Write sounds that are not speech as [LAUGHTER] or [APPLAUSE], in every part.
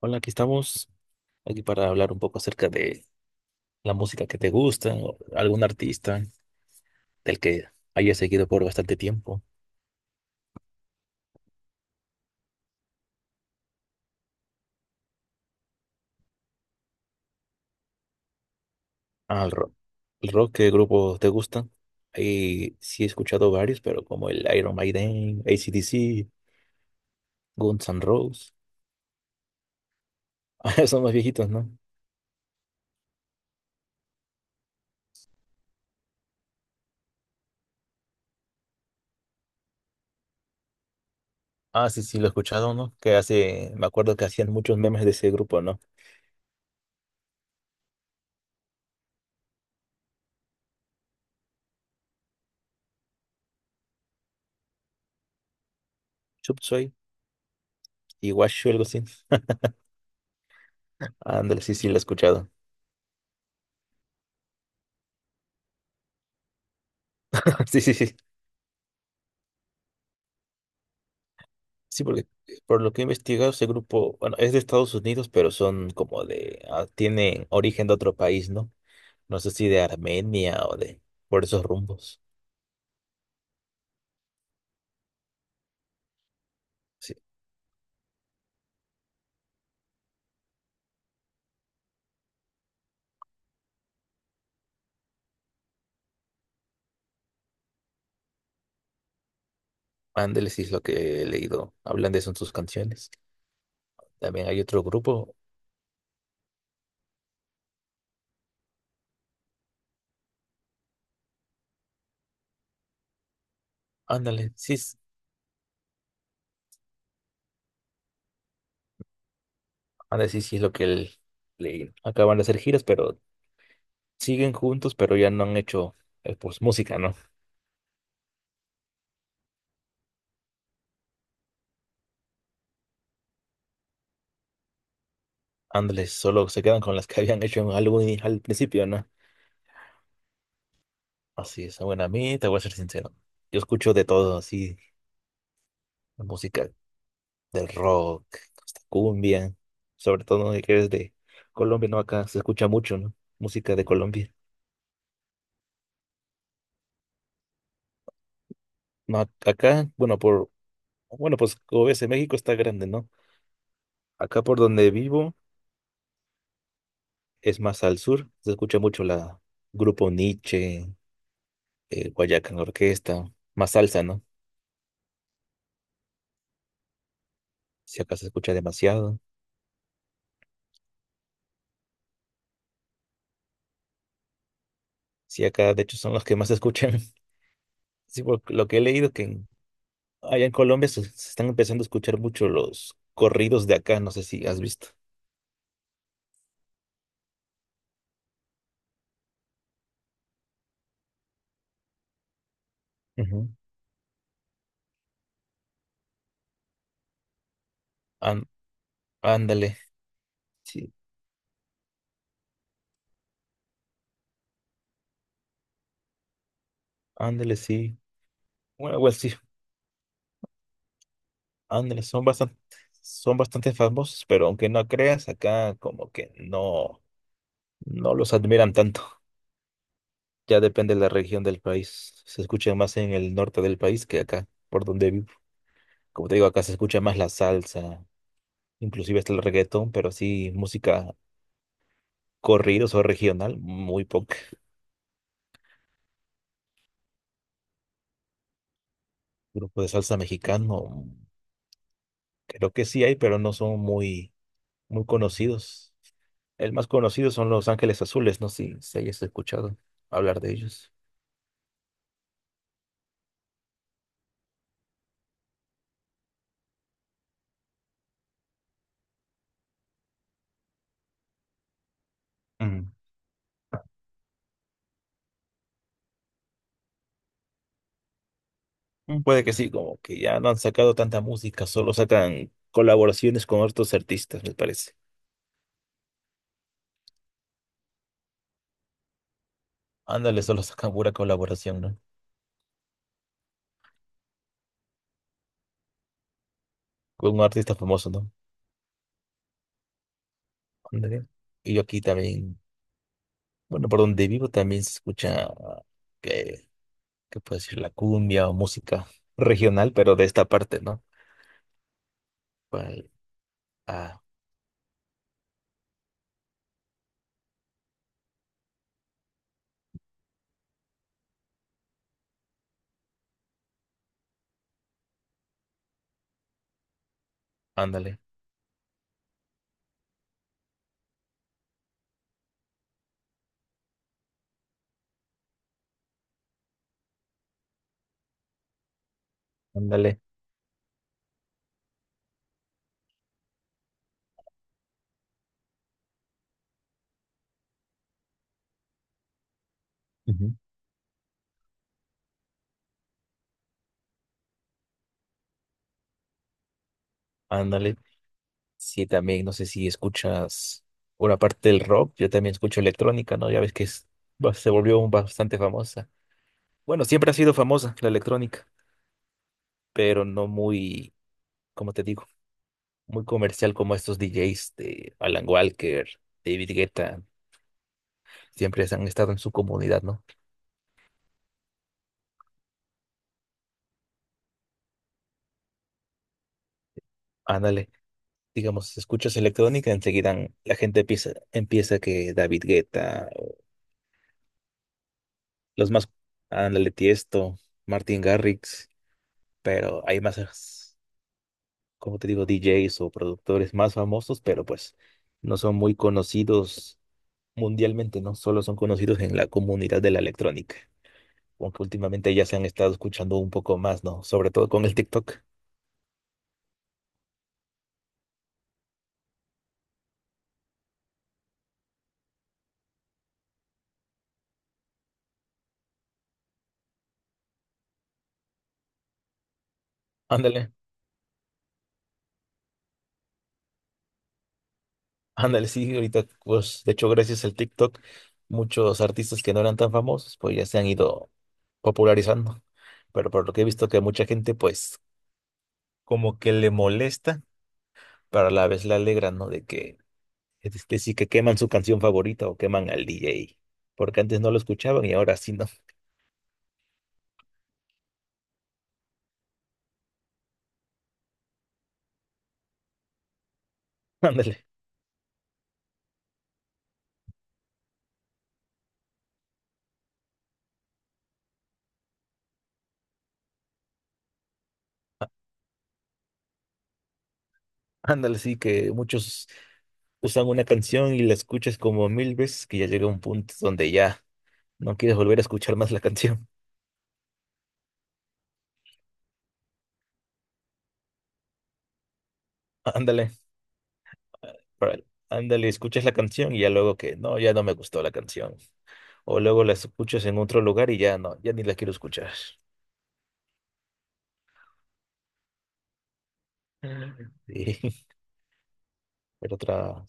Hola, aquí estamos, aquí para hablar un poco acerca de la música que te gusta, o algún artista del que hayas seguido por bastante tiempo. Al rock. ¿El rock qué grupo te gusta? Ahí sí he escuchado varios, pero como el Iron Maiden, AC/DC, Guns N' Roses. [LAUGHS] Ah, son más viejitos, ¿no? Ah, sí, sí, lo he escuchado, ¿no? Que hace, me acuerdo que hacían muchos memes de ese grupo, ¿no? Chop Suey y Washu, algo así. Ándale, sí, sí, lo he escuchado. [LAUGHS] Sí, sí, sí. Sí, porque por lo que he investigado, ese grupo, bueno, es de Estados Unidos, pero son como de, ah, tienen origen de otro país, ¿no? No sé si de Armenia o de, por esos rumbos. Sí, ándale, sí es lo que he leído. Hablan de eso en sus canciones. También hay otro grupo, ándale, sí, es- ándale, sí, sí es lo que él- leí. Acaban de hacer giras, pero siguen juntos, pero ya no han hecho, pues, música, ¿no? Ándale, solo se quedan con las que habían hecho en algún al principio, ¿no? Así es. Bueno, a mí te voy a ser sincero. Yo escucho de todo, así, la música del rock, hasta cumbia, sobre todo ¿no? que eres de Colombia, ¿no? Acá se escucha mucho, ¿no? Música de Colombia. No, acá, bueno, por, bueno, pues como ves, en México está grande, ¿no? Acá por donde vivo, es más al sur, se escucha mucho la Grupo Nietzsche, Guayacán Orquesta, más salsa, ¿no? Si acá se escucha demasiado. Si acá, de hecho, son los que más se escuchan. [LAUGHS] Sí, por lo que he leído que en allá en Colombia se están empezando a escuchar mucho los corridos de acá, no sé si has visto. Ujú. Án- Ándale, sí, ándale, sí. Bueno, igual sí, ándale, son bastante famosos, pero aunque no creas, acá como que no, no los admiran tanto. Ya depende de la región del país. Se escucha más en el norte del país que acá, por donde vivo. Como te digo, acá se escucha más la salsa, inclusive hasta el reggaetón, pero así música corridos o regional, muy poca. Grupo de salsa mexicano, creo que sí hay, pero no son muy, muy conocidos. El más conocido son Los Ángeles Azules, no sé si, si hayas escuchado hablar de ellos. Mm. Mm, puede que sí, como que ya no han sacado tanta música, solo sacan colaboraciones con otros artistas, me parece. Ándale, solo sacan pura colaboración, ¿no? Con un artista famoso, ¿no? Ándale. Y yo aquí también, bueno, por donde vivo también se escucha, que, ¿qué puedo decir? La cumbia o música regional, pero de esta parte, ¿no? ¿Cuál? Ah, ándale, ándale, ujú, ándale. Sí, también, no sé si escuchas una parte del rock, yo también escucho electrónica, ¿no? Ya ves que es, se volvió bastante famosa. Bueno, siempre ha sido famosa la electrónica, pero no muy, como te digo, muy comercial como estos DJs de Alan Walker, David Guetta, siempre han estado en su comunidad, ¿no? Ándale. Digamos, escuchas electrónica, enseguida la gente empieza, que David Guetta. Los más, ándale, Tiesto, Martin Garrix, pero hay más, como te digo, DJs o productores más famosos, pero pues no son muy conocidos mundialmente, ¿no? Solo son conocidos en la comunidad de la electrónica, aunque últimamente ya se han estado escuchando un poco más, ¿no? Sobre todo con el TikTok. Ándale, ándale, sí, ahorita, pues, de hecho, gracias al TikTok, muchos artistas que no eran tan famosos, pues ya se han ido popularizando, pero por lo que he visto que mucha gente, pues, como que le molesta pero a la vez la alegran, ¿no? De que, es que sí que queman su canción favorita o queman al DJ, porque antes no lo escuchaban y ahora sí, ¿no? [LAUGHS] Ándale, ándale, sí que muchos usan una canción y la escuchas como 1000 veces que ya llega un punto donde ya no quieres volver a escuchar más la canción. [LAUGHS] Ándale, para- ándale, escuchas la canción y ya luego que, no, ya no me gustó la canción. O luego la escuchas en otro lugar y ya no, ya ni la quiero escuchar. Mm. Sí, [LAUGHS] pero otra,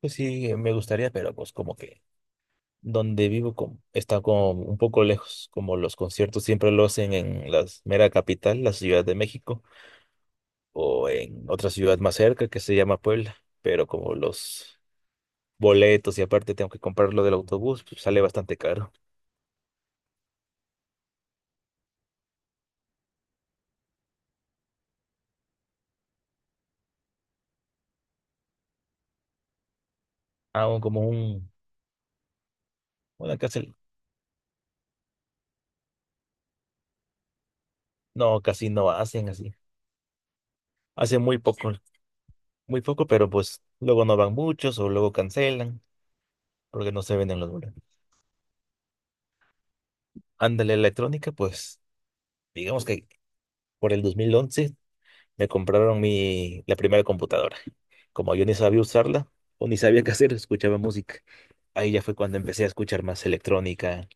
pues sí, me gustaría, pero pues como que donde vivo está como un poco lejos, como los conciertos siempre lo hacen en la mera capital, la Ciudad de México, o en otra ciudad más cerca que se llama Puebla, pero como los boletos y aparte tengo que comprarlo del autobús, pues sale bastante caro. Hago como un, una casi no hacen así. Hacen muy poco, pero pues luego no van muchos o luego cancelan porque no se venden los boletos. Ándale, electrónica, pues digamos que por el 2011 me compraron mi, la primera computadora. Como yo ni sabía usarla o ni sabía qué hacer, escuchaba música. Ahí ya fue cuando empecé a escuchar más electrónica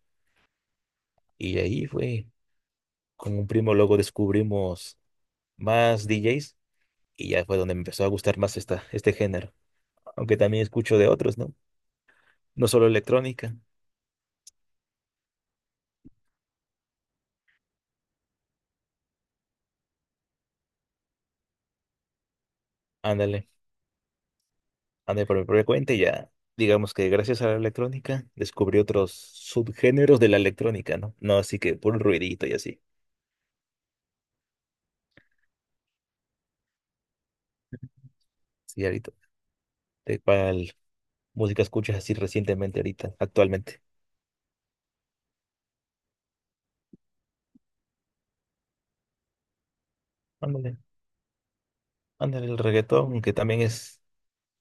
y ahí fue, con un primo luego descubrimos más DJs y ya fue donde me empezó a gustar más esta, este género. Aunque también escucho de otros, ¿no? No solo electrónica. Ándale, ándale por mi propia cuenta y ya, digamos que gracias a la electrónica descubrí otros subgéneros de la electrónica, ¿no? No así que puro ruidito y así. Sí, ahorita. ¿Música escuchas así recientemente ahorita, actualmente? Ándale, ándale, el reggaetón, aunque también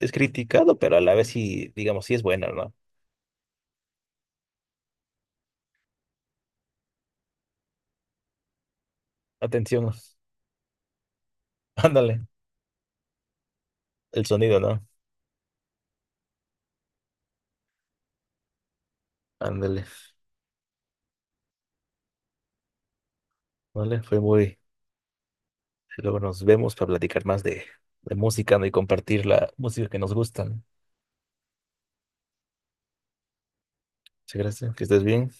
es criticado, pero a la vez sí, digamos, sí es bueno, ¿no? Atención, [LAUGHS] ándale, el sonido, ¿no? Ándale, vale, fue muy... Luego nos vemos para platicar más de música, ¿no? y compartir la música que nos gustan. Muchas gracias, que estés bien.